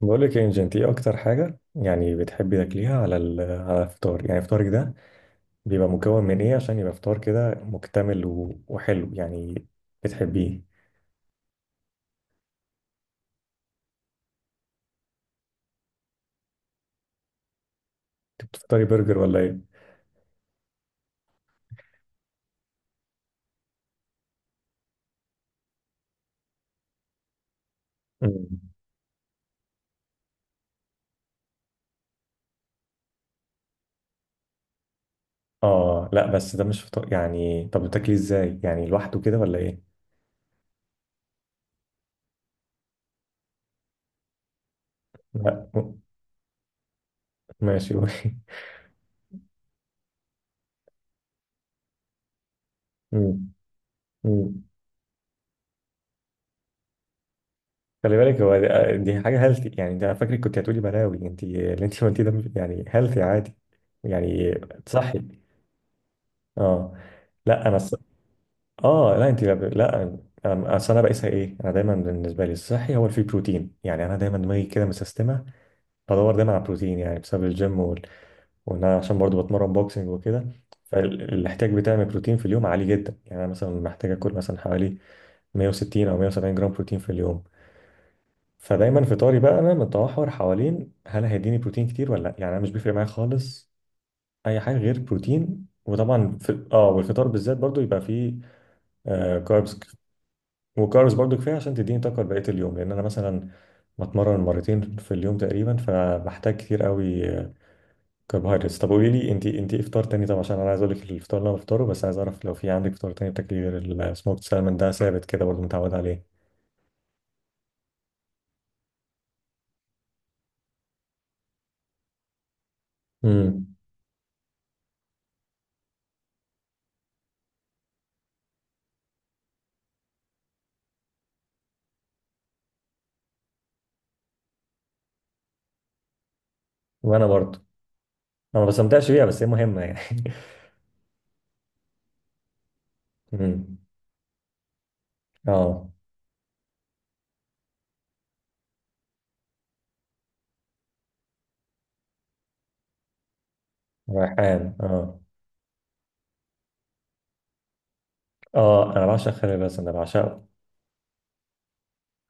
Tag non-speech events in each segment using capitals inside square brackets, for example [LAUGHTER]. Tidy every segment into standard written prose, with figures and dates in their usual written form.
بقول لك يا انجي، انت ايه اكتر حاجه يعني بتحبي تاكليها على الفطار؟ يعني فطارك ده بيبقى مكون من ايه عشان يبقى فطار كده مكتمل و- وحلو يعني، بتحبيه؟ انت بتفطري برجر ولا ايه؟ مم. اه، لا، بس ده مش فطار يعني. طب بتاكلي ازاي يعني، لوحده كده ولا ايه؟ لا م- ماشي، قولي. [LAUGHS] مم. مم. خلي بالك، هو دي حاجه هيلثي يعني؟ ده انا فاكرك كنت هتقولي بلاوي. انت اللي انت قلتيه ده يعني هيلثي عادي يعني. صحي. اه. لا انا. اه لا انت، لا. اصل انا بقيسها ايه؟ انا دايما بالنسبه لي الصحي هو اللي فيه بروتين، يعني انا دايما دماغي كده مسيستمه، بدور دايما على بروتين، يعني بسبب الجيم وان انا عشان برضو بتمرن بوكسنج وكده. فالاحتياج بتاعي من البروتين في اليوم عالي جدا، يعني انا مثلا محتاج اكل مثلا حوالي 160 او 170 جرام بروتين في اليوم. فدايما فطاري بقى انا متمحور حوالين هل هيديني بروتين كتير ولا لا، يعني انا مش بيفرق معايا خالص اي حاجه غير بروتين. وطبعا في والفطار بالذات برضو يبقى فيه كاربس، وكاربس برضو كفايه عشان تديني طاقه لبقيه اليوم، لان انا مثلا بتمرن مرتين في اليوم تقريبا، فبحتاج كتير قوي كربوهيدرات. طب قولي لي، انت إيه افطار تاني؟ طب عشان انا عايز اقول لك الفطار اللي انا بفطره، بس عايز اعرف لو في عندك فطار تاني بتاكلي غير السموكت سالمون ده، ثابت كده برضو، متعود عليه. امم. وانا برضو. انا ما بستمتعش بيها بس هي مهمه يعني. [LAUGHS] امم. اه. ريحان، اه. اه، انا بعشق خلي، بس انا بعشقه.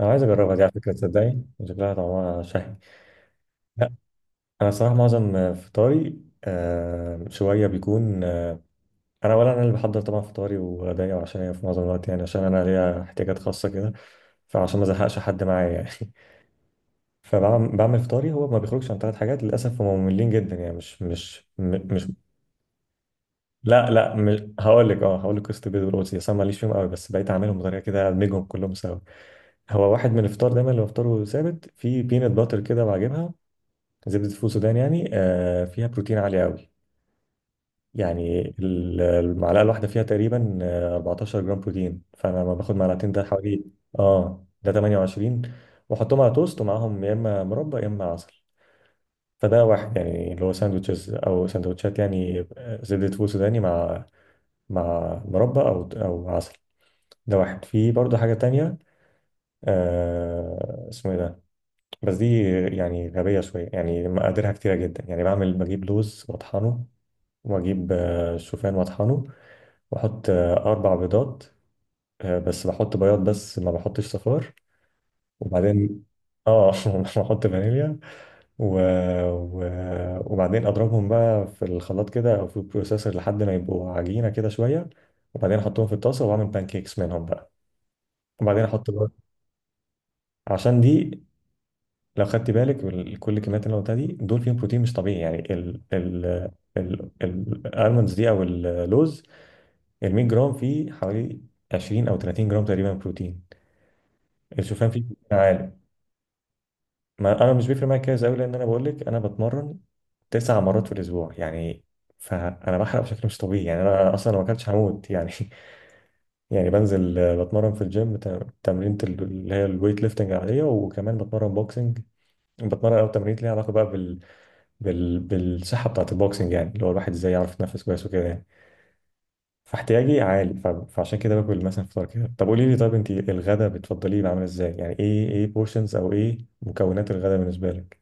انا عايز اجربها دي على فكره، تصدقي شكلها طعمها شهي. انا صراحه معظم فطاري شويه بيكون انا انا اللي بحضر طبعا فطاري وغدايا وعشايا في معظم الوقت، يعني عشان انا ليا احتياجات خاصه كده، فعشان ما ازهقش حد معايا يعني. [LAUGHS] فبعمل فطاري هو ما بيخرجش عن ثلاث حاجات، للاسف هم مملين جدا يعني مش. لا مش هقول لك. اه هقول لك، قصه البيض والقدس اصلا ماليش فيهم قوي، بس بقيت اعملهم بطريقه كده ادمجهم كلهم سوا. هو واحد من الفطار دايما اللي بفطره ثابت في بينات باتر كده، بعجبها زبده فول سودان، يعني فيها بروتين عالي قوي. يعني المعلقة الواحدة فيها تقريبا 14 جرام بروتين، فأنا لما باخد معلقتين ده حوالي اه ده 28. وأحطهم على توست، ومعاهم يا إما مربى يا إما عسل. فده واحد يعني، اللي هو ساندوتشز أو سندوتشات، يعني زبدة فول سوداني مع مربى أو عسل. ده واحد، في برضه حاجة تانية. آه، اسمه إيه ده؟ بس دي يعني غبية شوية، يعني مقاديرها كتيرة جدا، يعني بعمل، بجيب لوز وأطحنه، وأجيب شوفان وأطحنه، بحط أربع بيضات، بس بحط بياض بس ما بحطش صفار. وبعدين اه [LAUGHS] بحط فانيليا و... و... وبعدين اضربهم بقى في الخلاط كده او في البروسيسور لحد ما يبقوا عجينه كده شويه. وبعدين احطهم في الطاسه واعمل بانكيكس منهم بقى. وبعدين احط بقى. عشان دي، لو خدت بالك كل الكميات اللي أنا قلتها دي، دول فيهم بروتين مش طبيعي، يعني ال ال ال الالمونز دي او اللوز، ال 100 جرام فيه حوالي 20 او 30 جرام تقريبا بروتين. الشوفان فيه بروتين عالي. ما انا مش بيفرق معايا كده قوي، لان انا بقول لك انا بتمرن تسع مرات في الاسبوع يعني، فانا بحرق بشكل مش طبيعي يعني. انا اصلا لو ما اكلتش هموت يعني. [LAUGHS] يعني بنزل، بتمرن في الجيم تمرينة اللي هي الويت ليفتنج العاديه، وكمان بتمرن بوكسنج. بتمرن او تمرين ليها علاقه بقى بالصحه بتاعت البوكسنج، يعني اللي هو الواحد ازاي يعرف يتنفس كويس وكده يعني. فاحتياجي عالي فعشان كده باكل مثلا فطار كده. طب قولي لي، طب انت الغدا بتفضليه يبقى عامل ازاي؟ يعني ايه بورشنز او ايه مكونات الغدا بالنسبه لك؟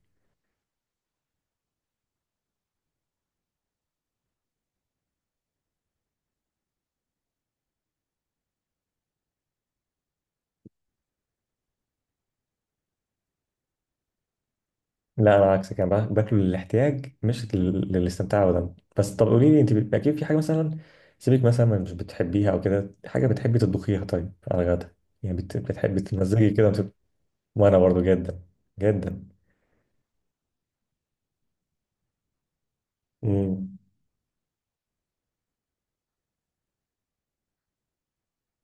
لا انا عكسك، انا باكله للاحتياج مش للاستمتاع ابدا. بس طب قولي لي، اكيد في حاجه مثلا سيبك مثلا من مش بتحبيها، او كده حاجه بتحبي تطبخيها طيب على الغدا، يعني بتحبي تمزجي كده وانا برضو جدا. جدا. امم.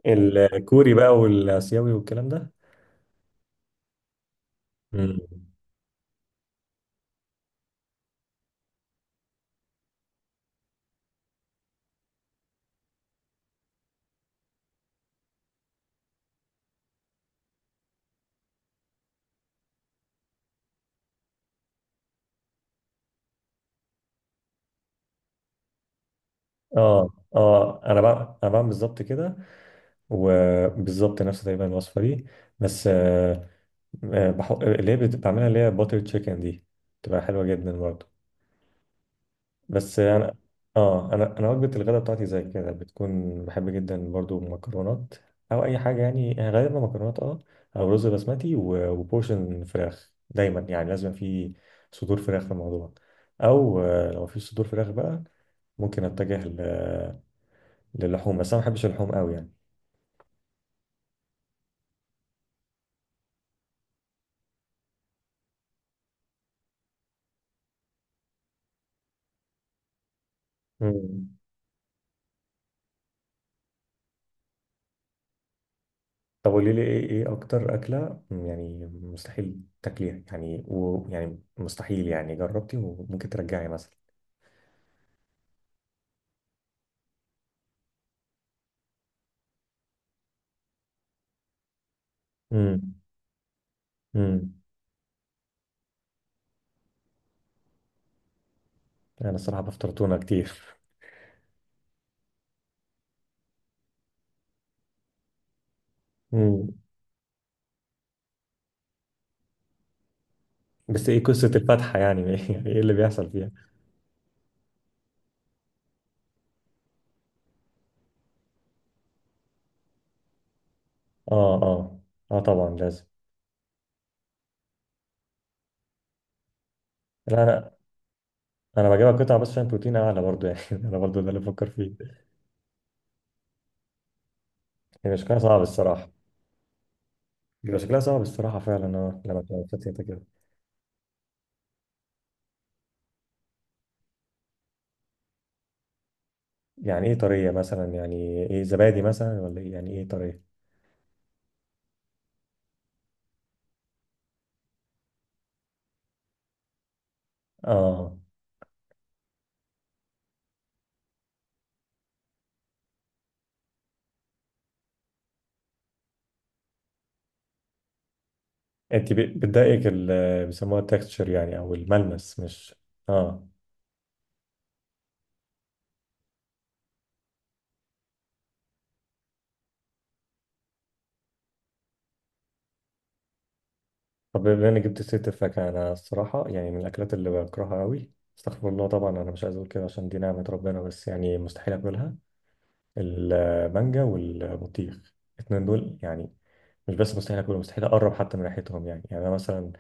الكوري بقى والاسيوي والكلام ده. امم. اه. اه، انا بقى انا بعمل بالظبط كده وبالظبط نفس تقريبا الوصفه دي، بس بحط اللي هي بعملها اللي هي باتر تشيكن دي، بتبقى حلوه جدا برضو. بس انا، اه انا، انا وجبه الغداء بتاعتي زي كده بتكون بحب جدا برضو مكرونات، او اي حاجه يعني غالبا مكرونات اه، او رز بسمتي و- وبورشن فراخ، دايما يعني لازم في صدور فراخ في الموضوع. او لو مفيش صدور فراخ بقى ممكن اتجه للحوم، بس انا ما بحبش اللحوم قوي يعني. مم. طب قولي لي، ايه ايه اكتر اكله يعني مستحيل تاكليها يعني، ويعني مستحيل يعني جربتي وممكن ترجعي مثلا؟ امم. انا الصراحه بفطر تونه كتير. مم. بس ايه قصه الفتحه يعني؟ [LAUGHS] يعني ايه اللي بيحصل فيها؟ اه، اه. اه طبعا لازم. لا انا، انا بجيبها قطع بس عشان بروتين اعلى برضو يعني. [LAUGHS] انا برضو ده اللي بفكر فيه. هي شكلها صعب الصراحه. بيبقى شكلها صعب الصراحه فعلا، اه، لما تبقى فتيتة كده. يعني ايه طريه مثلا؟ يعني ايه، زبادي مثلا ولا ايه؟ يعني ايه طريه؟ اه. انت بتضايقك بيسموها التكستشر يعني، او الملمس، مش؟ اه. طب بما انك جبت سيرة الفاكهة، انا الصراحة يعني من الاكلات اللي بكرهها قوي، استغفر الله طبعا انا مش عايز اقول كده عشان دي نعمة ربنا، بس يعني مستحيل اكلها: المانجا والبطيخ، الاتنين دول يعني، مش بس مستحيل اكلهم، مستحيل اقرب حتى من ريحتهم يعني. يعني انا مثلا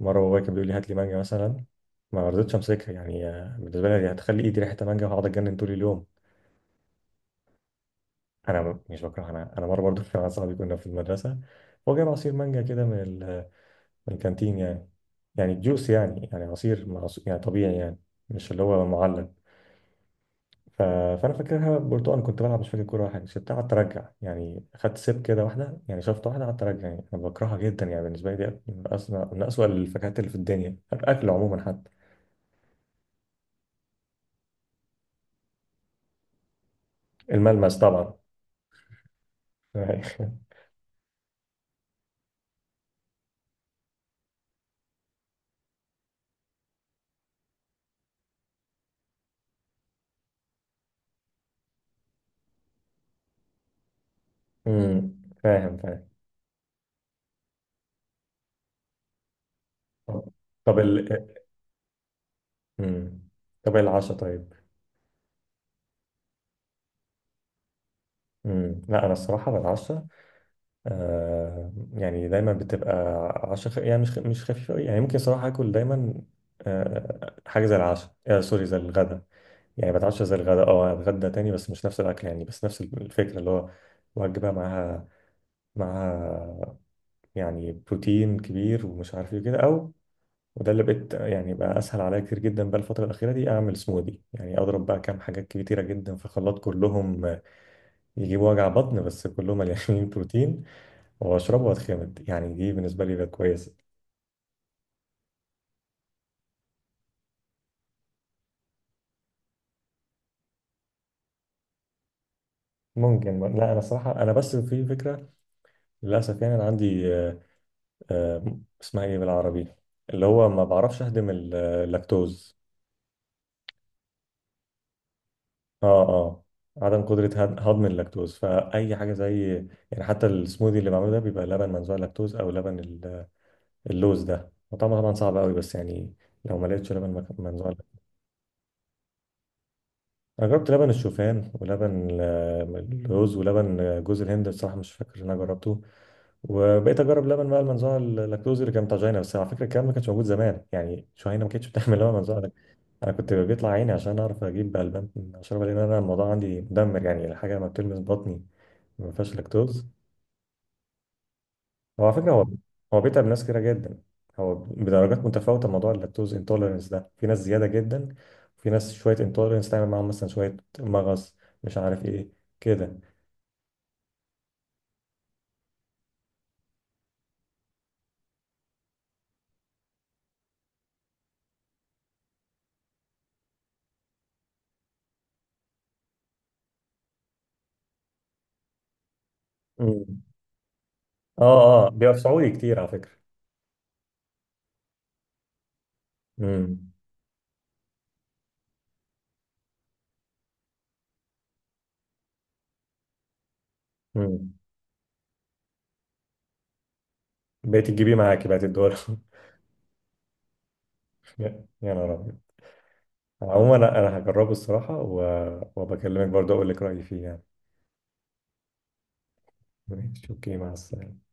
مرة بابايا كان بيقول لي هات لي مانجا مثلا، ما رضيتش امسكها يعني. بالنسبة لي دي هتخلي ايدي ريحة مانجا وهقعد اتجنن طول اليوم. انا مش بكرهها. انا مرة برضو كان مع صاحبي كنا في المدرسة، هو جايب عصير مانجا كده من الكانتين يعني، يعني جوس يعني، يعني عصير يعني طبيعي يعني، مش اللي هو معلب. ف... فانا فاكرها برتقال، كنت بلعب مش فاكر كوره ولا حاجه، سبتها قعدت ارجع يعني، خدت سيب كده واحده يعني، شفت واحده قعدت ارجع يعني. انا بكرهها جدا يعني، بالنسبه لي دي من أسوأ الفاكهات اللي في الدنيا، الاكل عموما حتى. الملمس طبعا. [LAUGHS] امم. فاهم. طب، طب امم، طب العشاء طيب. امم. لا انا الصراحه بالعشاء، آه، يعني دايما بتبقى عشاء خ... يعني مش خ... مش خفيفة أوي، يعني ممكن صراحة آكل دايما حاجة زي العشاء، آه، سوري زي الغدا. يعني بتعشى زي الغدا، اه أتغدى تاني بس مش نفس الأكل يعني، بس نفس الفكرة اللي هو وجبة معاها. معاها يعني بروتين كبير، ومش عارف ايه كده، أو، وده اللي بقيت يعني، بقى أسهل عليا كتير جدا بقى الفترة الأخيرة دي، أعمل سموذي، يعني أضرب بقى كام حاجات كتيرة جدا في خلاط، كلهم يجيبوا وجع بطن بس كلهم مليانين بروتين، واشربه واتخمد يعني. دي بالنسبه لي بقت كويسه. ممكن. لا انا صراحه، انا بس في فكره للاسف يعني. انا عندي اسمها ايه بالعربي؟ اللي هو ما بعرفش اهضم اللاكتوز. اه اه، عدم قدره هضم اللاكتوز. فاي حاجه زي، يعني حتى السموذي اللي بعمله ده بيبقى لبن منزوع لاكتوز، او لبن اللوز ده، وطعمه طبعا صعب قوي، بس يعني لو ما لقيتش لبن منزوع. انا جربت لبن الشوفان ولبن الرز، ولبن جوز الهند بصراحه مش فاكر ان انا جربته. وبقيت اجرب لبن بقى المنزوع اللاكتوز اللي كان بتاع جهينه. بس على فكره الكلام ده ما كانش موجود زمان، يعني جهينه ما كانتش [LAUGHS] بتعمل لبن منزوع ده. انا كنت بيطلع عيني عشان اعرف اجيب بقى اللبن اشربه، لان انا الموضوع عندي مدمر، يعني الحاجه لما بتلمس بطني ما فيهاش لاكتوز. هو على فكرة، هو بيتعب ناس كتيرة جدا. هو بدرجات متفاوتة موضوع اللاكتوز انتولرنس ده، في ناس زيادة جدا، وفي ناس شوية انتولرنس تعمل معاهم مثلا شوية مغص مش عارف ايه كده. مم. اه اه بيوسعوا لي كتير على فكرة. امم. امم. بقيت تجيبيه معاكي بقت الدول؟ [LAUGHS] يا يا نهار ابيض. عموما انا هجربه الصراحة وبكلمك برضه اقول لك رأيي فيه يعني. ماشي اوكي. مع السلامة.